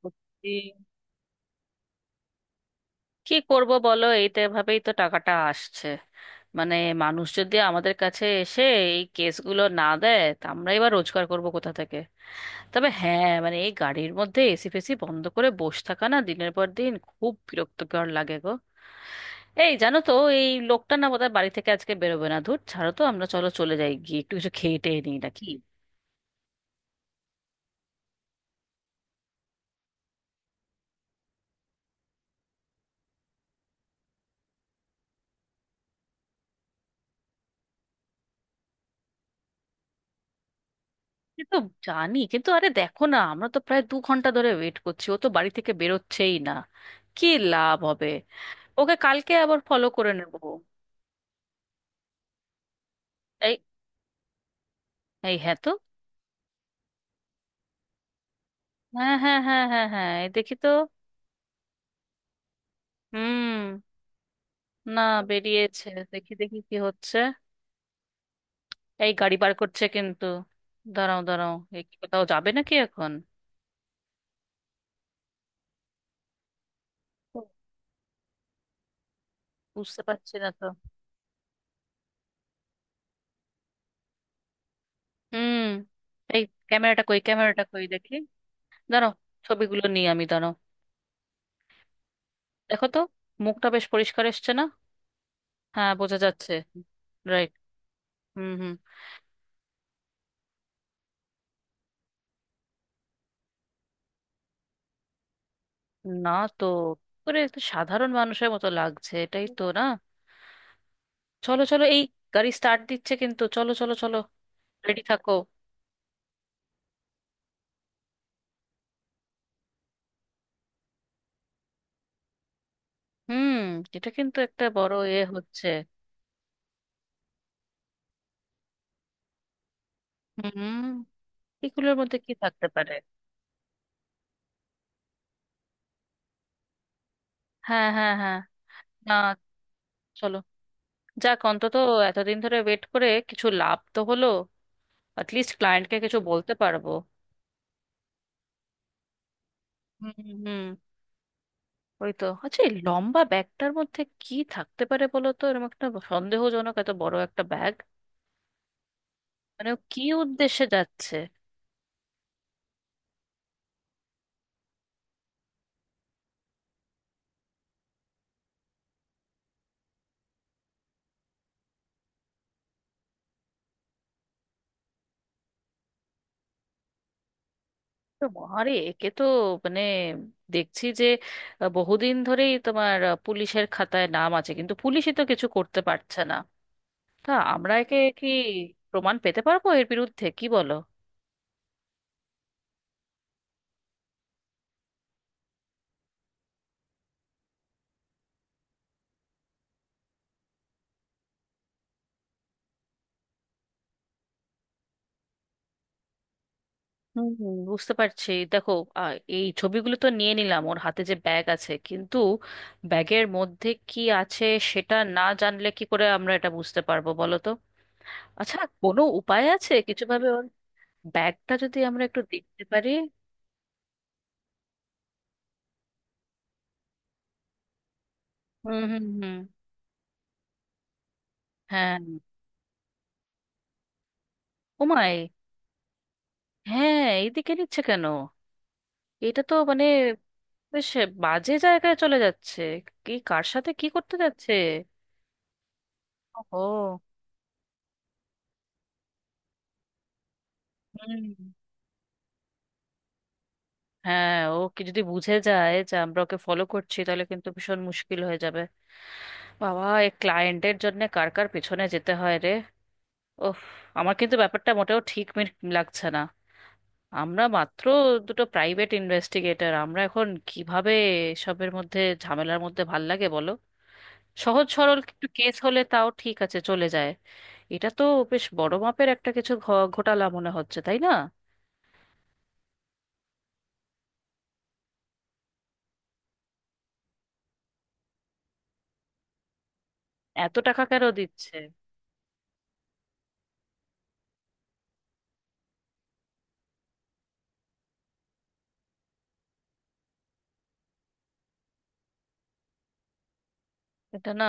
সত্যি। কি করব বলো, এইটা এভাবেই তো টাকাটা আসছে। মানে মানুষ যদি আমাদের কাছে এসে এই কেসগুলো না দেয় তা আমরা এবার রোজগার করব কোথা থেকে? তবে হ্যাঁ, মানে এই গাড়ির মধ্যে এসি ফেসি বন্ধ করে বসে থাকা না দিনের পর দিন খুব বিরক্তকর লাগে গো। এই জানো তো, এই লোকটা না বোধহয় বাড়ি থেকে আজকে বেরোবে না। ধুর, ছাড়ো তো, আমরা চলো চলে যাই গিয়ে একটু কিছু খেয়ে টেয়ে নিই নাকি। সে তো জানি, কিন্তু আরে দেখো না, আমরা তো প্রায় 2 ঘন্টা ধরে ওয়েট করছি, ও তো বাড়ি থেকে বেরোচ্ছেই না। কি লাভ হবে? ওকে কালকে আবার ফলো করে নেব। এই, এই হ্যাঁ তো। হ্যাঁ হ্যাঁ হ্যাঁ হ্যাঁ হ্যাঁ, এই দেখি তো। হুম। না। বেরিয়েছে, দেখি দেখি কি হচ্ছে। এই গাড়ি বার করছে কিন্তু। দাঁড়াও দাঁড়াও, এই কি কোথাও যাবে নাকি এখন? ও, বুঝতে পারছি না তো। হুম। এই ক্যামেরাটা কই, ক্যামেরাটা কই দেখি। দাঁড়াও, ছবিগুলো নিয়ে আমি, দাঁড়াও। দেখো তো, মুখটা বেশ পরিষ্কার এসছে না? হ্যাঁ বোঝা যাচ্ছে। রাইট। হুম হুম। না তো, পুরো একটা সাধারণ মানুষের মতো লাগছে, এটাই তো না। চলো চলো, এই গাড়ি স্টার্ট দিচ্ছে কিন্তু, চলো চলো চলো। রেডি থাকো। হুম, এটা কিন্তু একটা বড় এ হচ্ছে। হুম, এগুলোর মধ্যে কি থাকতে পারে? হ্যাঁ হ্যাঁ হ্যাঁ। না, চলো। যাক অন্তত এতদিন ধরে ওয়েট করে কিছু লাভ তো হলো। অ্যাটলিস্ট ক্লায়েন্টকে কিছু বলতে পারবো। হুম হুম। ওই তো, আচ্ছা এই লম্বা ব্যাগটার মধ্যে কি থাকতে পারে বলো তো, এরকম একটা সন্দেহজনক এত বড় একটা ব্যাগ। মানে ও কি উদ্দেশ্যে যাচ্ছে? তো আরে একে তো, মানে, দেখছি যে বহুদিন ধরেই তোমার পুলিশের খাতায় নাম আছে, কিন্তু পুলিশই তো কিছু করতে পারছে না। তা আমরা একে কি প্রমাণ পেতে পারবো এর বিরুদ্ধে, কি বলো? হুম হুম, বুঝতে পারছি, দেখো এই ছবিগুলো তো নিয়ে নিলাম, ওর হাতে যে ব্যাগ আছে কিন্তু ব্যাগের মধ্যে কি আছে সেটা না জানলে কি করে আমরা এটা বুঝতে পারবো বলো তো। আচ্ছা কোনো উপায় আছে কিছু ভাবে ওর ব্যাগটা যদি আমরা একটু দেখতে পারি? হুম হুম হুম। হ্যাঁ। ওমায়, হ্যাঁ এইদিকে নিচ্ছে কেন? এটা তো মানে বেশ বাজে জায়গায় চলে যাচ্ছে। কি, কার সাথে কি করতে যাচ্ছে? ও। হুম। হ্যাঁ, ও কি যদি বুঝে যায় যে আমরা ওকে ফলো করছি তাহলে কিন্তু ভীষণ মুশকিল হয়ে যাবে। বাবা, এই ক্লায়েন্টের জন্য কার কার পেছনে যেতে হয় রে। ওফ, আমার কিন্তু ব্যাপারটা মোটেও ঠিক লাগছে না। আমরা মাত্র দুটো প্রাইভেট ইনভেস্টিগেটর, আমরা এখন কিভাবে এসবের মধ্যে ঝামেলার মধ্যে ভাল লাগে বলো। সহজ সরল একটু কেস হলে তাও ঠিক আছে, চলে যায়। এটা তো বেশ বড় মাপের একটা কিছু ঘোটালা মনে হচ্ছে, তাই না? এত টাকা কেন দিচ্ছে? এটা না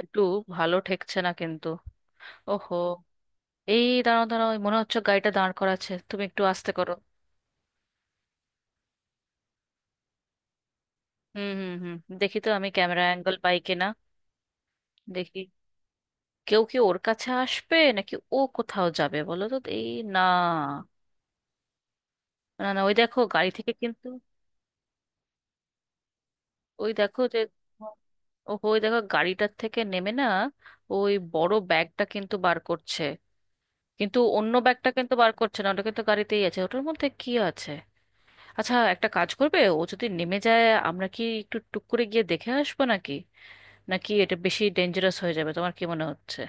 একটু ভালো ঠেকছে না কিন্তু। ওহো, এই দাঁড়াও দাঁড়াও, এই মনে হচ্ছে গাড়িটা দাঁড় করাচ্ছে, তুমি একটু আস্তে করো। হুম হুম হুম। দেখি তো আমি ক্যামেরা অ্যাঙ্গেল পাই কিনা। দেখি, কেউ কি ওর কাছে আসবে নাকি ও কোথাও যাবে বলো তো, এই না। না না, ওই দেখো গাড়ি থেকে কিন্তু। ওই দেখো যে, ওহো ওই দেখো গাড়িটার থেকে নেমে না ওই বড় ব্যাগটা কিন্তু বার করছে, কিন্তু অন্য ব্যাগটা কিন্তু বার করছে না, ওটা কিন্তু গাড়িতেই আছে। ওটার মধ্যে কি আছে? আচ্ছা একটা কাজ করবে, ও যদি নেমে যায় আমরা কি একটু টুক করে গিয়ে দেখে আসবো নাকি? নাকি এটা বেশি ডেঞ্জারাস হয়ে যাবে, তোমার কি মনে হচ্ছে?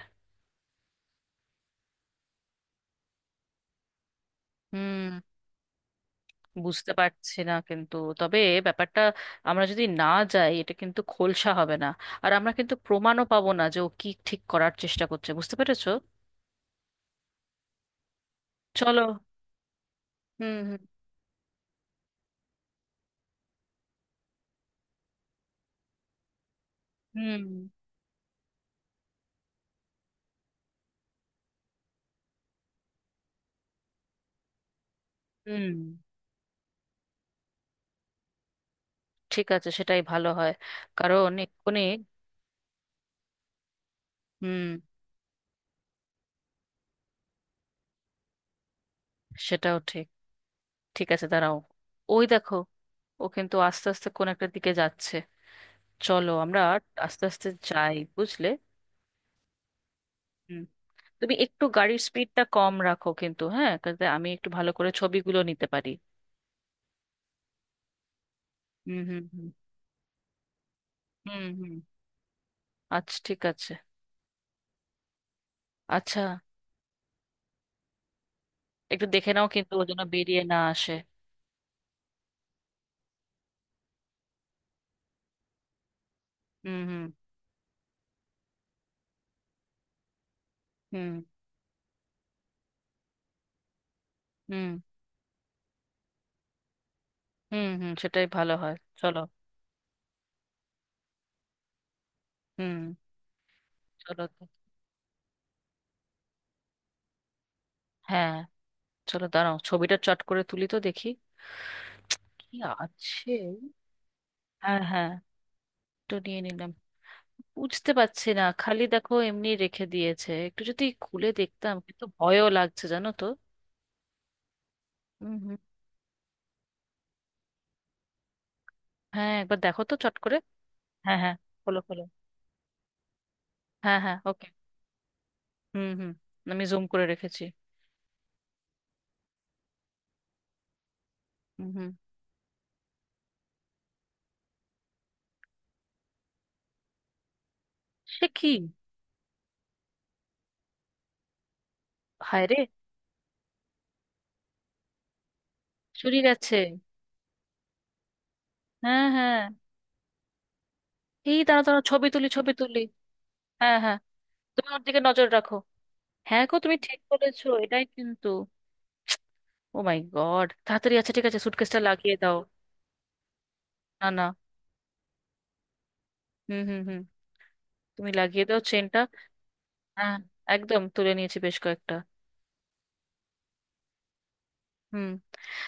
হুম। বুঝতে পারছি না, কিন্তু তবে ব্যাপারটা, আমরা যদি না যাই এটা কিন্তু খোলসা হবে না। আর আমরা কিন্তু প্রমাণও পাবো না যে ও কি ঠিক করার চেষ্টা করছে, বুঝতে পেরেছো? চলো। হুম হুম হুম হুম। ঠিক আছে, সেটাই ভালো হয়। কারণ এক্ষুনি। হুম। সেটাও ঠিক। ঠিক আছে দাঁড়াও। ওই দেখো, ও কিন্তু আস্তে আস্তে কোন একটা দিকে যাচ্ছে। চলো আমরা আস্তে আস্তে যাই, বুঝলে। হুম। তুমি একটু গাড়ির স্পিডটা কম রাখো কিন্তু হ্যাঁ, যাতে আমি একটু ভালো করে ছবিগুলো নিতে পারি। হুম হুম হুম হুম হুম। আচ্ছা ঠিক আছে। আচ্ছা, একটু দেখে নাও কিন্তু ও যেন বেরিয়ে না আসে। হুম হুম হুম হুম হুম হুম সেটাই ভালো হয়। চলো। হুম। চলো তো। হ্যাঁ, চলো দাঁড়াও, ছবিটা চট করে তুলি তো দেখি। কি আছে? হ্যাঁ হ্যাঁ, একটু নিয়ে নিলাম। বুঝতে পারছি না, খালি দেখো এমনি রেখে দিয়েছে, একটু যদি খুলে দেখতাম, কিন্তু ভয়ও লাগছে জানো তো। হুম হুম। হ্যাঁ একবার দেখো তো চট করে। হ্যাঁ হ্যাঁ। খোলো খোলো। হ্যাঁ হ্যাঁ ওকে। হুম হুম, আমি জুম করে রেখেছি। হুম হুম। সে কি! হায় রে। শরীর আছে! হ্যাঁ হ্যাঁ, এই দাঁড়া দাঁড়া, ছবি তুলি ছবি তুলি। হ্যাঁ হ্যাঁ। তুমি ওর দিকে নজর রাখো। হ্যাঁ গো, তুমি ঠিক বলেছো এটাই কিন্তু। ও মাই গড, তাড়াতাড়ি, আচ্ছা ঠিক আছে সুটকেসটা লাগিয়ে দাও। না না। হুম হুম হুম, তুমি লাগিয়ে দাও চেনটা। হ্যাঁ, একদম তুলে নিয়েছি বেশ কয়েকটা। হুম।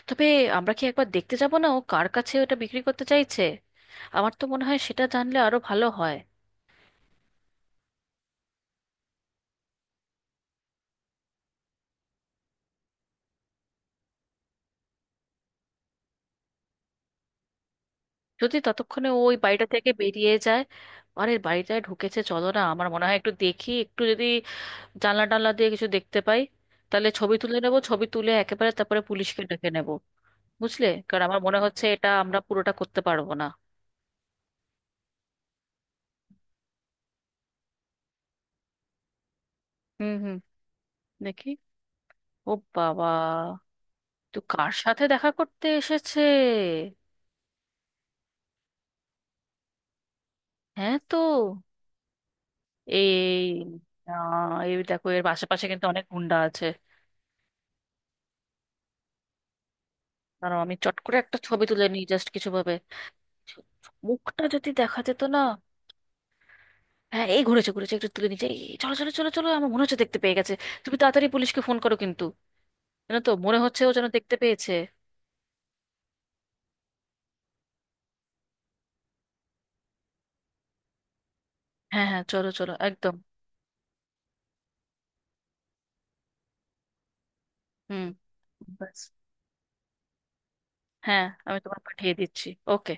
তবে আমরা কি একবার দেখতে যাব না ও কার কাছে ওটা বিক্রি করতে চাইছে? আমার তো মনে হয় সেটা জানলে আরো ভালো হয়। যদি ততক্ষণে ও ওই বাড়িটা থেকে বেরিয়ে যায়। আরে বাড়িটায় ঢুকেছে, চলো না, আমার মনে হয় একটু দেখি, একটু যদি জানলা টানলা দিয়ে কিছু দেখতে পাই। তাহলে ছবি তুলে নেবো, ছবি তুলে একেবারে তারপরে পুলিশকে ডেকে নেবো। বুঝলে, কারণ আমার মনে হচ্ছে এটা আমরা পুরোটা করতে পারবো না। হুম হুম। দেখি। ও বাবা, তো কার সাথে দেখা করতে এসেছে? হ্যাঁ তো। এই এই দেখো, এর আশেপাশে কিন্তু অনেক গুন্ডা আছে। কারণ আমি চট করে একটা ছবি তুলে নিই জাস্ট কিছু ভাবে। মুখটা যদি দেখা যেত না। হ্যাঁ, এই ঘুরেছে ঘুরেছে, একটু তুলে নিচে। চলো চলো চলো চলো, আমার মনে হচ্ছে দেখতে পেয়ে গেছে। তুমি তাড়াতাড়ি পুলিশকে ফোন করো কিন্তু, জানো তো মনে হচ্ছে ও যেন দেখতে পেয়েছে। হ্যাঁ হ্যাঁ চলো চলো, একদম। হুম। ব্যাস। হ্যাঁ আমি তোমার পাঠিয়ে দিচ্ছি। ওকে।